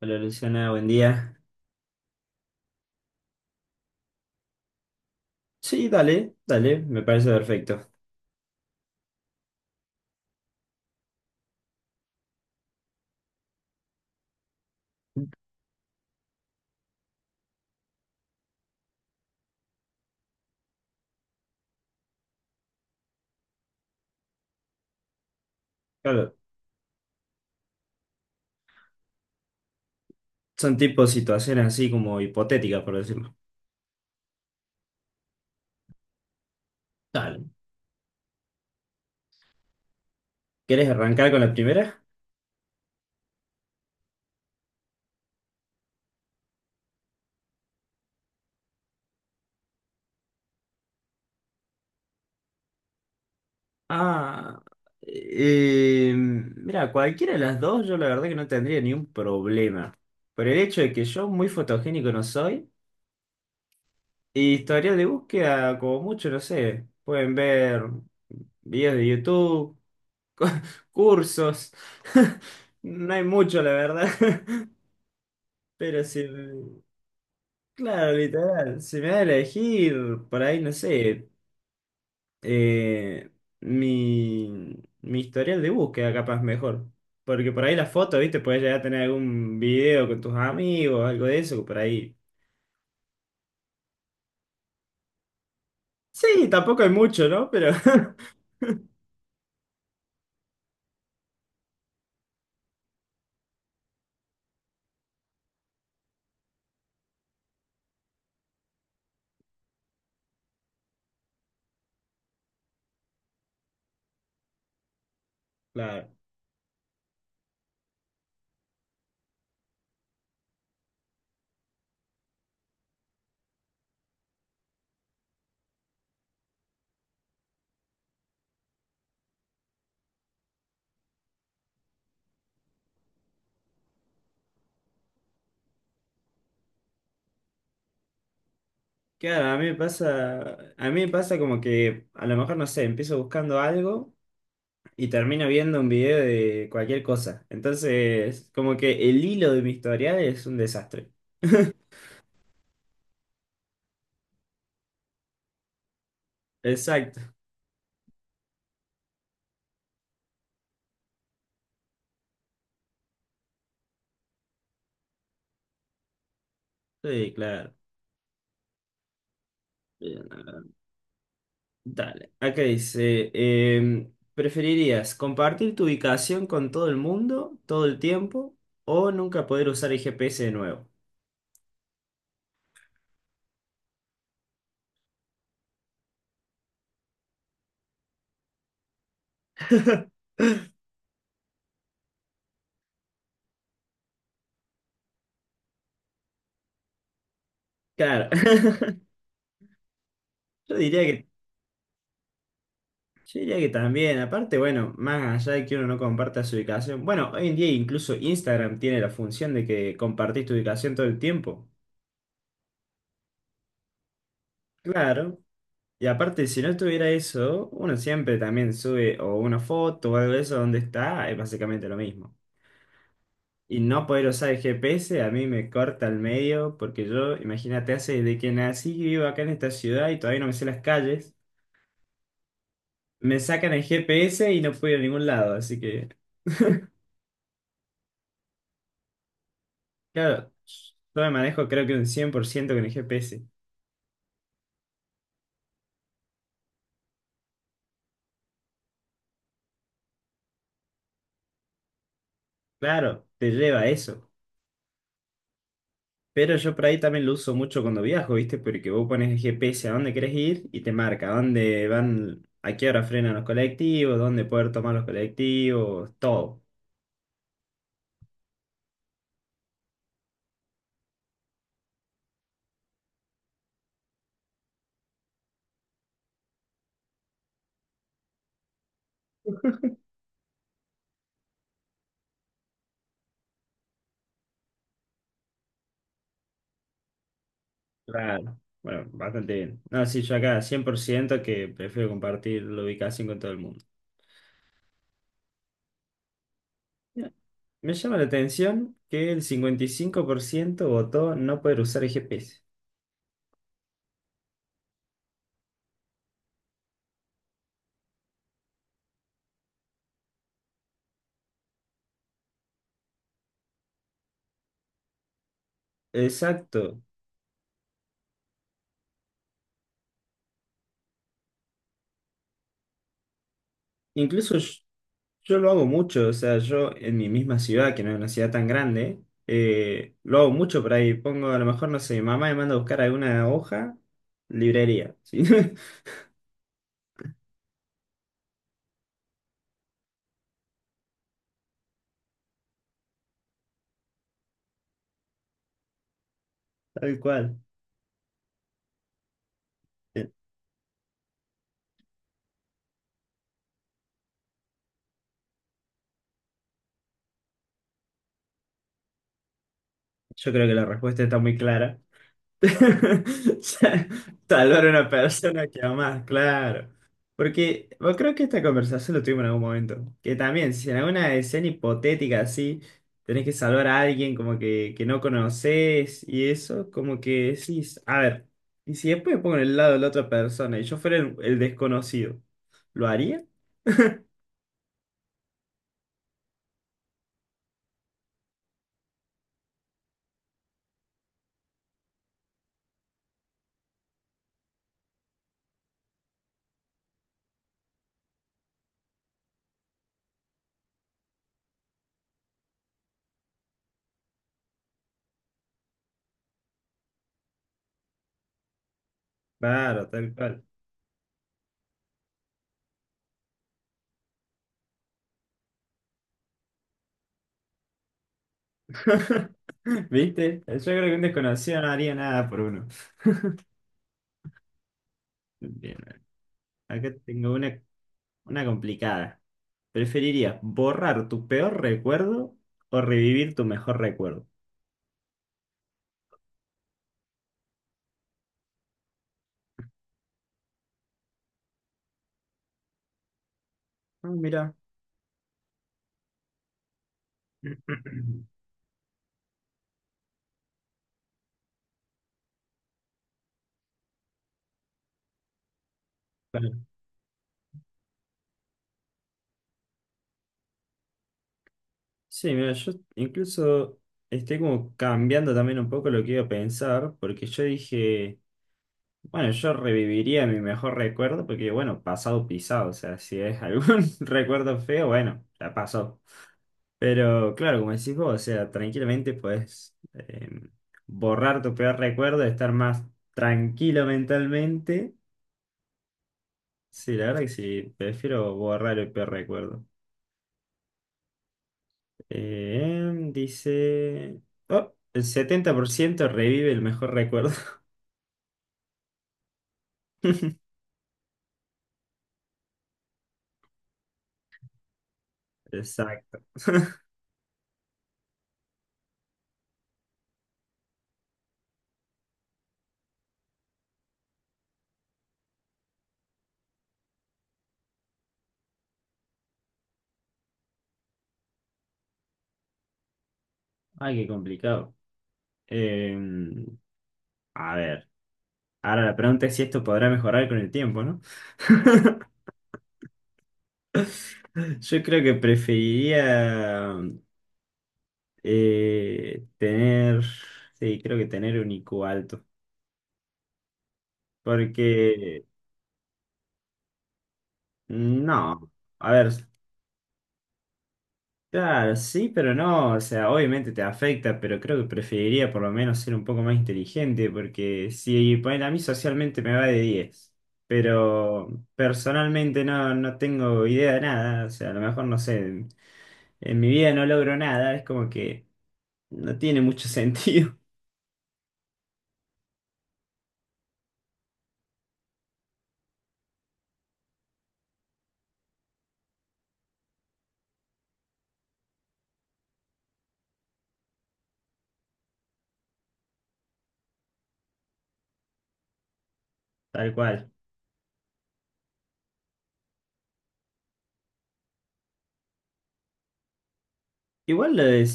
Hola Luciana, buen día. Sí, dale, dale, me parece perfecto. Claro, son tipo situaciones así como hipotéticas, por decirlo. Dale. ¿Quieres arrancar con la primera? Ah, mira, cualquiera de las dos yo la verdad que no tendría ni un problema. Por el hecho de que yo muy fotogénico no soy, y historial de búsqueda como mucho, no sé, pueden ver videos de YouTube, cu- cursos, no hay mucho la verdad. Pero sí. Claro, literal. Si me da a elegir, por ahí, no sé, eh, mi historial de búsqueda capaz mejor. Porque por ahí la foto, ¿viste? Puedes llegar a tener algún video con tus amigos, algo de eso, por ahí. Sí, tampoco hay mucho, ¿no? Pero, claro. Claro, a mí me pasa como que a lo mejor, no sé, empiezo buscando algo y termino viendo un video de cualquier cosa. Entonces, como que el hilo de mi historial es un desastre. Exacto. Sí, claro. Bien, a ver, dale. Acá dice, ¿preferirías compartir tu ubicación con todo el mundo todo el tiempo o nunca poder usar el GPS de nuevo? Claro. Yo diría que, yo diría que también. Aparte, bueno, más allá de que uno no comparta su ubicación. Bueno, hoy en día incluso Instagram tiene la función de que compartís tu ubicación todo el tiempo. Claro. Y aparte, si no estuviera eso, uno siempre también sube o una foto o algo de eso donde está, es básicamente lo mismo. Y no poder usar el GPS a mí me corta al medio, porque yo, imagínate, hace desde que nací que vivo acá en esta ciudad y todavía no me sé las calles. Me sacan el GPS y no puedo ir a ningún lado, así que, claro, yo me manejo creo que un 100% con el GPS. Claro, te lleva a eso. Pero yo por ahí también lo uso mucho cuando viajo, ¿viste? Porque vos pones el GPS a dónde querés ir y te marca dónde van, a qué hora frenan los colectivos, dónde poder tomar los colectivos, todo. Claro, bueno, bastante bien. No, sí, yo acá 100% que prefiero compartir la ubicación con todo el mundo. Ya. Me llama la atención que el 55% votó no poder usar el GPS. Exacto. Incluso yo lo hago mucho, o sea, yo en mi misma ciudad, que no es una ciudad tan grande, lo hago mucho por ahí. Pongo, a lo mejor, no sé, mi mamá me manda a buscar alguna hoja, librería, ¿sí? Tal cual. Eh, Yo creo que la respuesta está muy clara. Salvar a una persona que amás, claro. Porque yo creo que esta conversación lo tuvimos en algún momento. Que también, si en alguna escena hipotética así, tenés que salvar a alguien como que no conoces y eso, como que decís, a ver, y si después me pongo en el lado de la otra persona y yo fuera el desconocido, ¿lo haría? Claro, tal cual. ¿Viste? Yo creo que un desconocido no haría nada por uno. Bien, acá tengo una complicada. ¿Preferirías borrar tu peor recuerdo o revivir tu mejor recuerdo? Ah, mira. Claro. Sí, mira, yo incluso estoy como cambiando también un poco lo que iba a pensar, porque yo dije, bueno, yo reviviría mi mejor recuerdo, porque bueno, pasado pisado, o sea, si es algún recuerdo feo, bueno, ya pasó. Pero claro, como decís vos, o sea, tranquilamente puedes borrar tu peor recuerdo, estar más tranquilo mentalmente. Sí, la verdad que sí, prefiero borrar el peor recuerdo. Dice... Oh, el 70% revive el mejor recuerdo. Exacto. Ay, qué complicado. Eh, a ver, ahora la pregunta es si esto podrá mejorar con el tiempo, ¿no? Yo creo que preferiría eh, tener, sí, creo que tener un IQ alto, porque no, a ver. Claro, sí, pero no, o sea, obviamente te afecta, pero creo que preferiría por lo menos ser un poco más inteligente, porque si ponen a mí socialmente me va de diez, pero personalmente no, no tengo idea de nada, o sea, a lo mejor no sé, en mi vida no logro nada, es como que no tiene mucho sentido, tal cual. Igual lo de,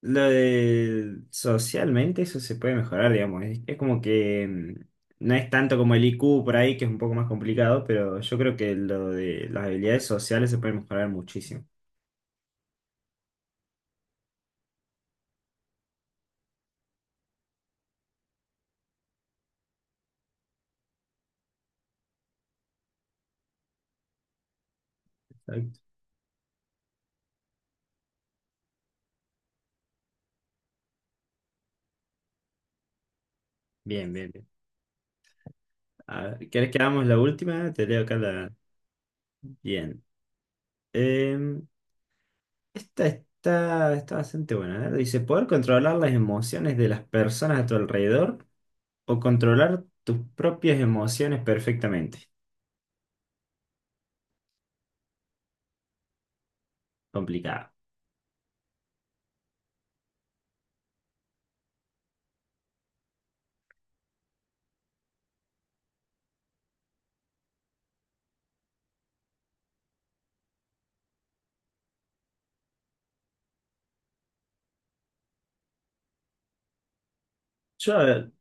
lo de socialmente eso se puede mejorar, digamos. Es como que no es tanto como el IQ por ahí, que es un poco más complicado, pero yo creo que lo de las habilidades sociales se pueden mejorar muchísimo. Exacto. Bien, bien, bien. A ver, ¿querés que hagamos la última? Te leo acá la... Bien. Em, esta está bastante buena. A ver, dice, poder controlar las emociones de las personas a tu alrededor o controlar tus propias emociones perfectamente. Complicado. Yo, a ver,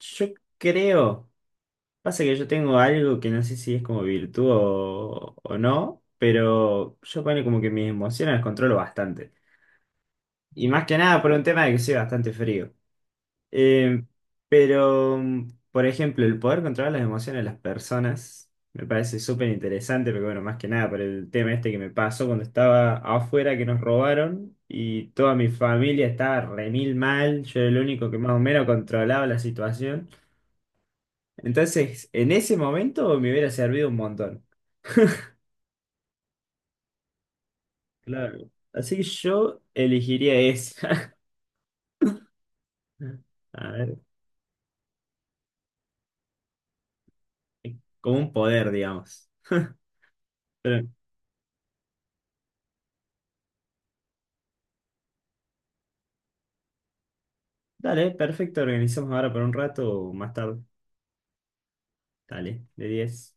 Yo creo, pasa que yo tengo algo que no sé si es como virtud o no, pero yo pone como que mis emociones las controlo bastante. Y más que nada por un tema de que soy bastante frío. Eh, pero, por ejemplo, el poder controlar las emociones de las personas me parece súper interesante, porque bueno, más que nada por el tema este que me pasó cuando estaba afuera que nos robaron y toda mi familia estaba re mil mal, yo era el único que más o menos controlaba la situación. Entonces, en ese momento me hubiera servido un montón. Claro. Así que yo elegiría esa. A ver, como un poder, digamos. Pero, dale, perfecto, organizamos ahora por un rato o más tarde. Dale, de 10.